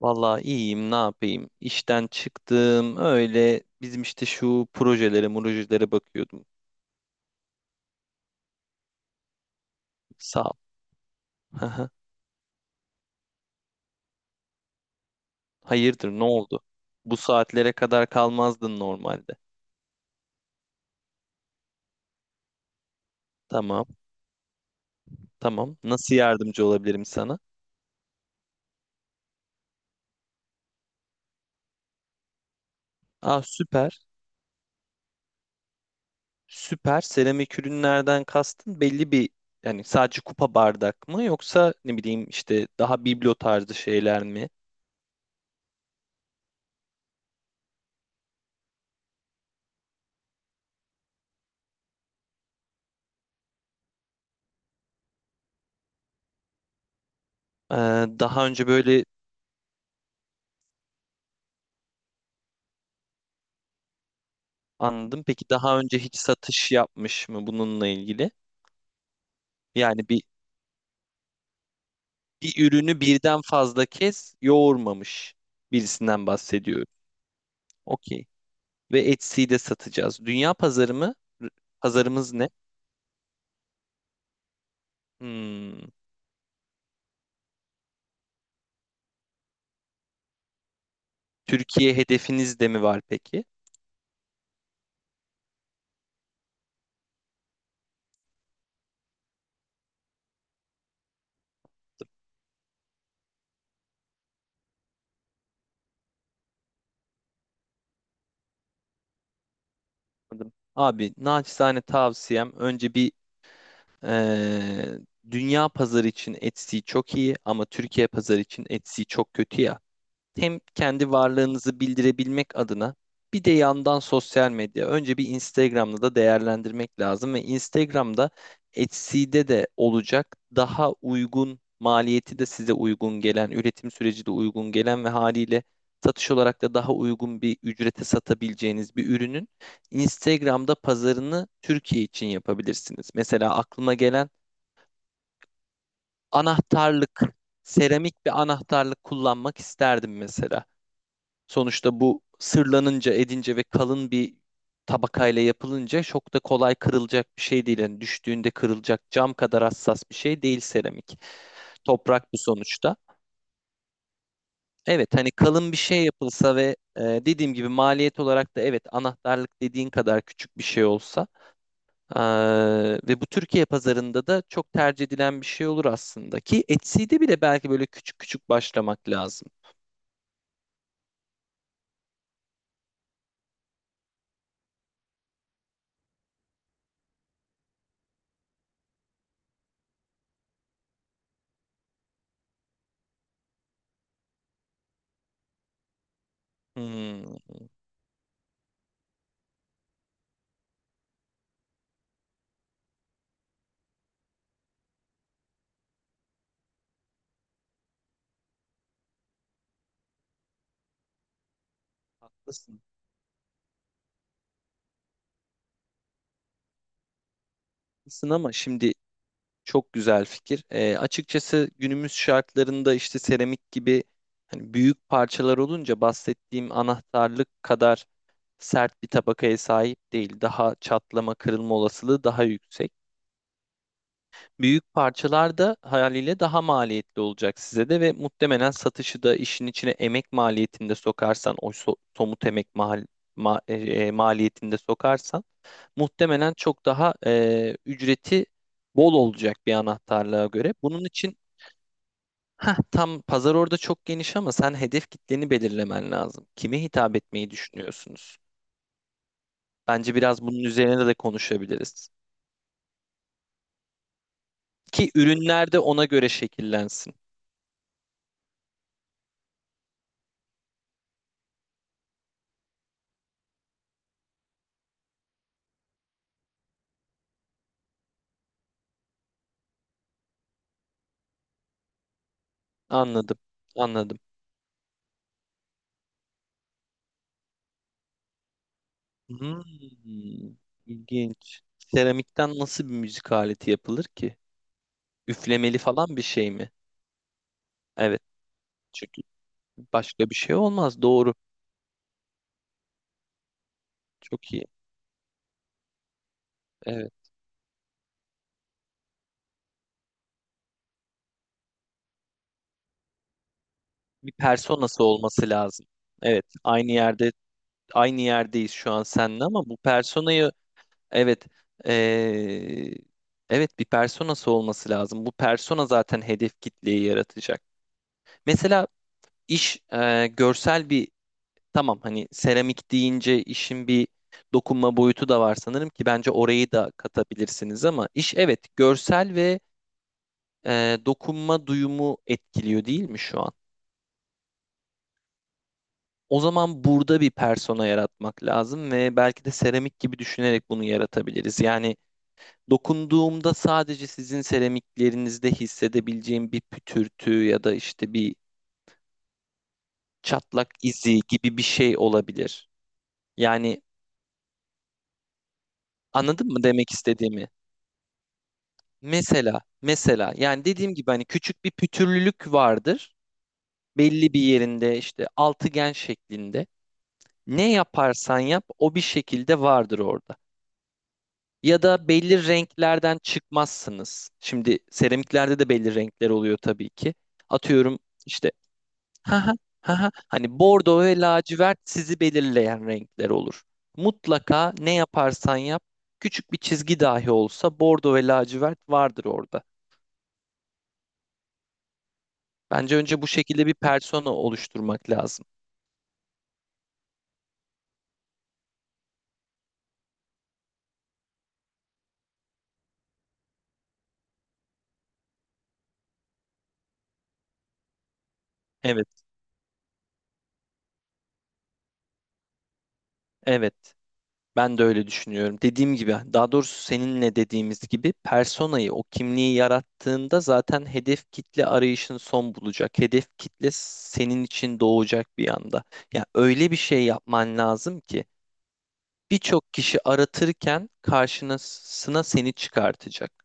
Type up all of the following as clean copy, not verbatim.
Vallahi iyiyim, ne yapayım? İşten çıktım. Öyle bizim işte şu projelere bakıyordum. Sağ ol. Hayırdır, ne oldu? Bu saatlere kadar kalmazdın normalde. Tamam, tamam. Nasıl yardımcı olabilirim sana? Aa süper. Süper. Seramik ürünlerden kastın belli bir yani sadece kupa bardak mı yoksa ne bileyim işte daha biblo tarzı şeyler mi? Ee, daha önce böyle anladım. Peki daha önce hiç satış yapmış mı bununla ilgili? Yani bir, bir ürünü birden fazla kez yoğurmamış birisinden bahsediyorum. Okey. Ve Etsy'yi de satacağız. Dünya pazarı mı? R- Pazarımız ne? Hmm. Türkiye hedefiniz de mi var peki? Anladım. Abi naçizane tavsiyem önce bir Ee, dünya pazarı için Etsy çok iyi ama Türkiye pazarı için Etsy çok kötü ya hem kendi varlığınızı bildirebilmek adına bir de yandan sosyal medya. Önce bir Instagram'da da değerlendirmek lazım ve Instagram'da Etsy'de de olacak daha uygun maliyeti de size uygun gelen, üretim süreci de uygun gelen ve haliyle satış olarak da daha uygun bir ücrete satabileceğiniz bir ürünün Instagram'da pazarını Türkiye için yapabilirsiniz. Mesela aklıma gelen anahtarlık, seramik bir anahtarlık kullanmak isterdim mesela. Sonuçta bu sırlanınca, edince ve kalın bir tabakayla yapılınca çok da kolay kırılacak bir şey değil. Yani düştüğünde kırılacak cam kadar hassas bir şey değil seramik. Toprak bu sonuçta. Evet hani kalın bir şey yapılsa ve dediğim gibi maliyet olarak da evet anahtarlık dediğin kadar küçük bir şey olsa e, ve bu Türkiye pazarında da çok tercih edilen bir şey olur aslında ki Etsy'de bile belki böyle küçük küçük başlamak lazım. Hmm, haklısın. Haklısın ama şimdi Çok güzel fikir. Açıkçası günümüz şartlarında işte seramik gibi hani büyük parçalar olunca bahsettiğim anahtarlık kadar sert bir tabakaya sahip değil. Daha çatlama, kırılma olasılığı daha yüksek. Büyük parçalar da haliyle daha maliyetli olacak size de ve muhtemelen satışı da işin içine emek maliyetinde sokarsan, o somut emek mal maliyetinde sokarsan muhtemelen çok daha ücreti bol olacak bir anahtarlığa göre. Bunun için Heh, tam pazar orada çok geniş ama sen hedef kitleni belirlemen lazım. Kime hitap etmeyi düşünüyorsunuz? Bence biraz bunun üzerine de konuşabiliriz. Ki ürünler de ona göre şekillensin. Anladım, anladım. Hmm, ilginç. Seramikten nasıl bir müzik aleti yapılır ki? Üflemeli falan bir şey mi? Evet, çünkü başka bir şey olmaz. Doğru, çok iyi. Evet, bir personası olması lazım. Evet, aynı yerdeyiz şu an seninle ama bu personayı Evet. Ee, evet bir personası olması lazım. Bu persona zaten hedef kitleyi yaratacak. Mesela iş görsel bir tamam hani seramik deyince işin bir dokunma boyutu da var sanırım ki bence orayı da katabilirsiniz ama iş evet görsel ve dokunma duyumu etkiliyor değil mi şu an? O zaman burada bir persona yaratmak lazım ve belki de seramik gibi düşünerek bunu yaratabiliriz. Yani Dokunduğumda sadece sizin seramiklerinizde hissedebileceğim bir pütürtü ya da işte bir çatlak izi gibi bir şey olabilir. Yani anladın mı demek istediğimi? Mesela, yani dediğim gibi hani küçük bir pütürlülük vardır. Belli bir yerinde işte altıgen şeklinde. Ne yaparsan yap o bir şekilde vardır orada. Ya da belli renklerden çıkmazsınız. Şimdi seramiklerde de belli renkler oluyor tabii ki. Atıyorum işte Ha ha ha ha. Hani bordo ve lacivert sizi belirleyen renkler olur. Mutlaka ne yaparsan yap, küçük bir çizgi dahi olsa bordo ve lacivert vardır orada. Bence önce bu şekilde bir persona oluşturmak lazım. Evet, evet. Ben de öyle düşünüyorum. Dediğim gibi, daha doğrusu seninle dediğimiz gibi personayı, o kimliği yarattığında zaten hedef kitle arayışın son bulacak. Hedef kitle senin için doğacak bir anda. Ya öyle bir şey yapman lazım ki birçok kişi aratırken karşısına seni çıkartacak.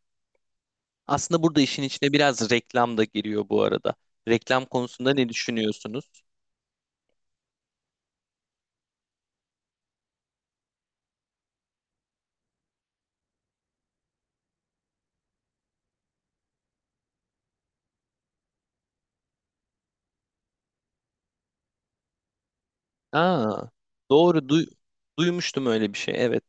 Aslında burada işin içine biraz reklam da giriyor bu arada. Reklam konusunda ne düşünüyorsunuz? Aa, doğru duymuştum öyle bir şey. Evet.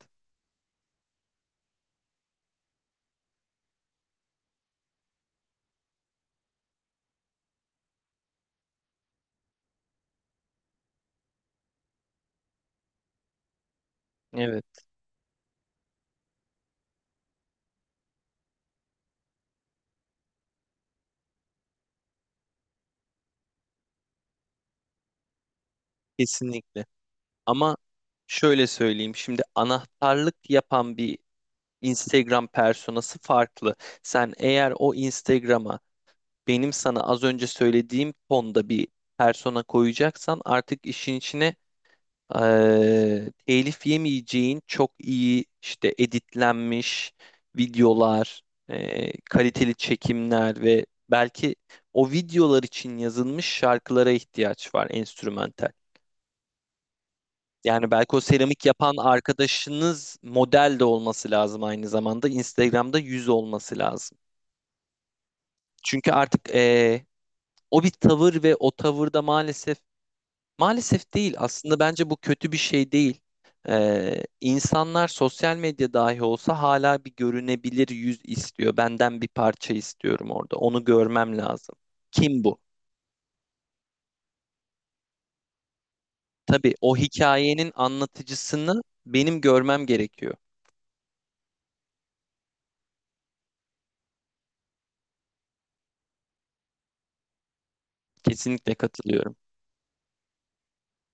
Evet, kesinlikle. Ama şöyle söyleyeyim. Şimdi anahtarlık yapan bir Instagram personası farklı. Sen eğer o Instagram'a benim sana az önce söylediğim tonda bir persona koyacaksan artık işin içine telif yemeyeceğin çok iyi işte editlenmiş videolar, kaliteli çekimler ve belki o videolar için yazılmış şarkılara ihtiyaç var enstrümantal. Yani belki o seramik yapan arkadaşınız model de olması lazım aynı zamanda. Instagram'da yüz olması lazım. Çünkü artık o bir tavır ve o tavırda maalesef değil aslında bence bu kötü bir şey değil. İnsanlar sosyal medya dahi olsa hala bir görünebilir yüz istiyor. Benden bir parça istiyorum orada. Onu görmem lazım. Kim bu? Tabii o hikayenin anlatıcısını benim görmem gerekiyor. Kesinlikle katılıyorum.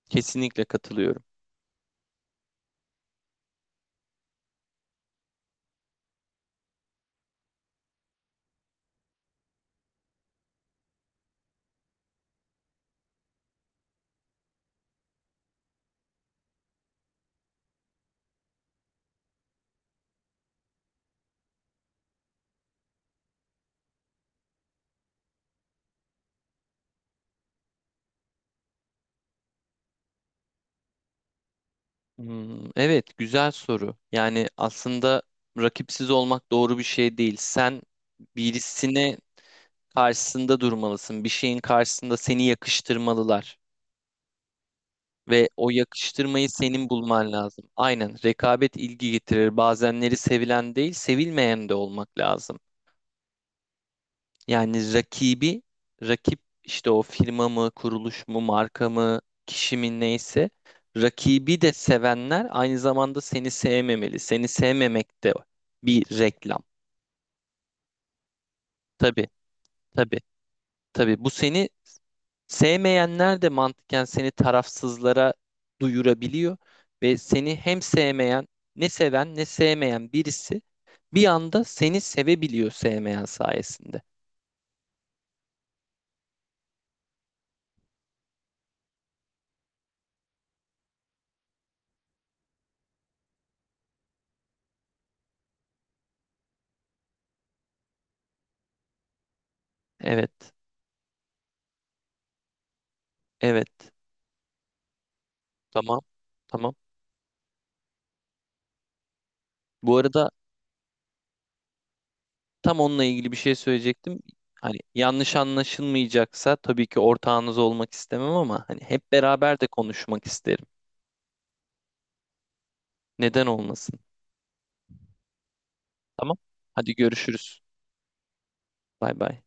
Kesinlikle katılıyorum. Hmm, evet, güzel soru. Yani aslında rakipsiz olmak doğru bir şey değil. Sen birisine karşısında durmalısın. Bir şeyin karşısında seni yakıştırmalılar. Ve o yakıştırmayı senin bulman lazım. Aynen, rekabet ilgi getirir. Bazenleri sevilen değil, sevilmeyen de olmak lazım. Yani rakibi, rakip işte o firma mı, kuruluş mu, marka mı, kişi mi neyse rakibi de sevenler aynı zamanda seni sevmemeli. Seni sevmemek de bir reklam. Tabii, tabii, tabii. Bu seni sevmeyenler de mantıken seni tarafsızlara duyurabiliyor ve seni hem sevmeyen, ne seven ne sevmeyen birisi bir anda seni sevebiliyor sevmeyen sayesinde. Evet, evet. Tamam, tamam. Bu arada Tam onunla ilgili bir şey söyleyecektim. Hani yanlış anlaşılmayacaksa tabii ki ortağınız olmak istemem ama hani hep beraber de konuşmak isterim. Neden olmasın? Tamam. Hadi görüşürüz. Bay bay.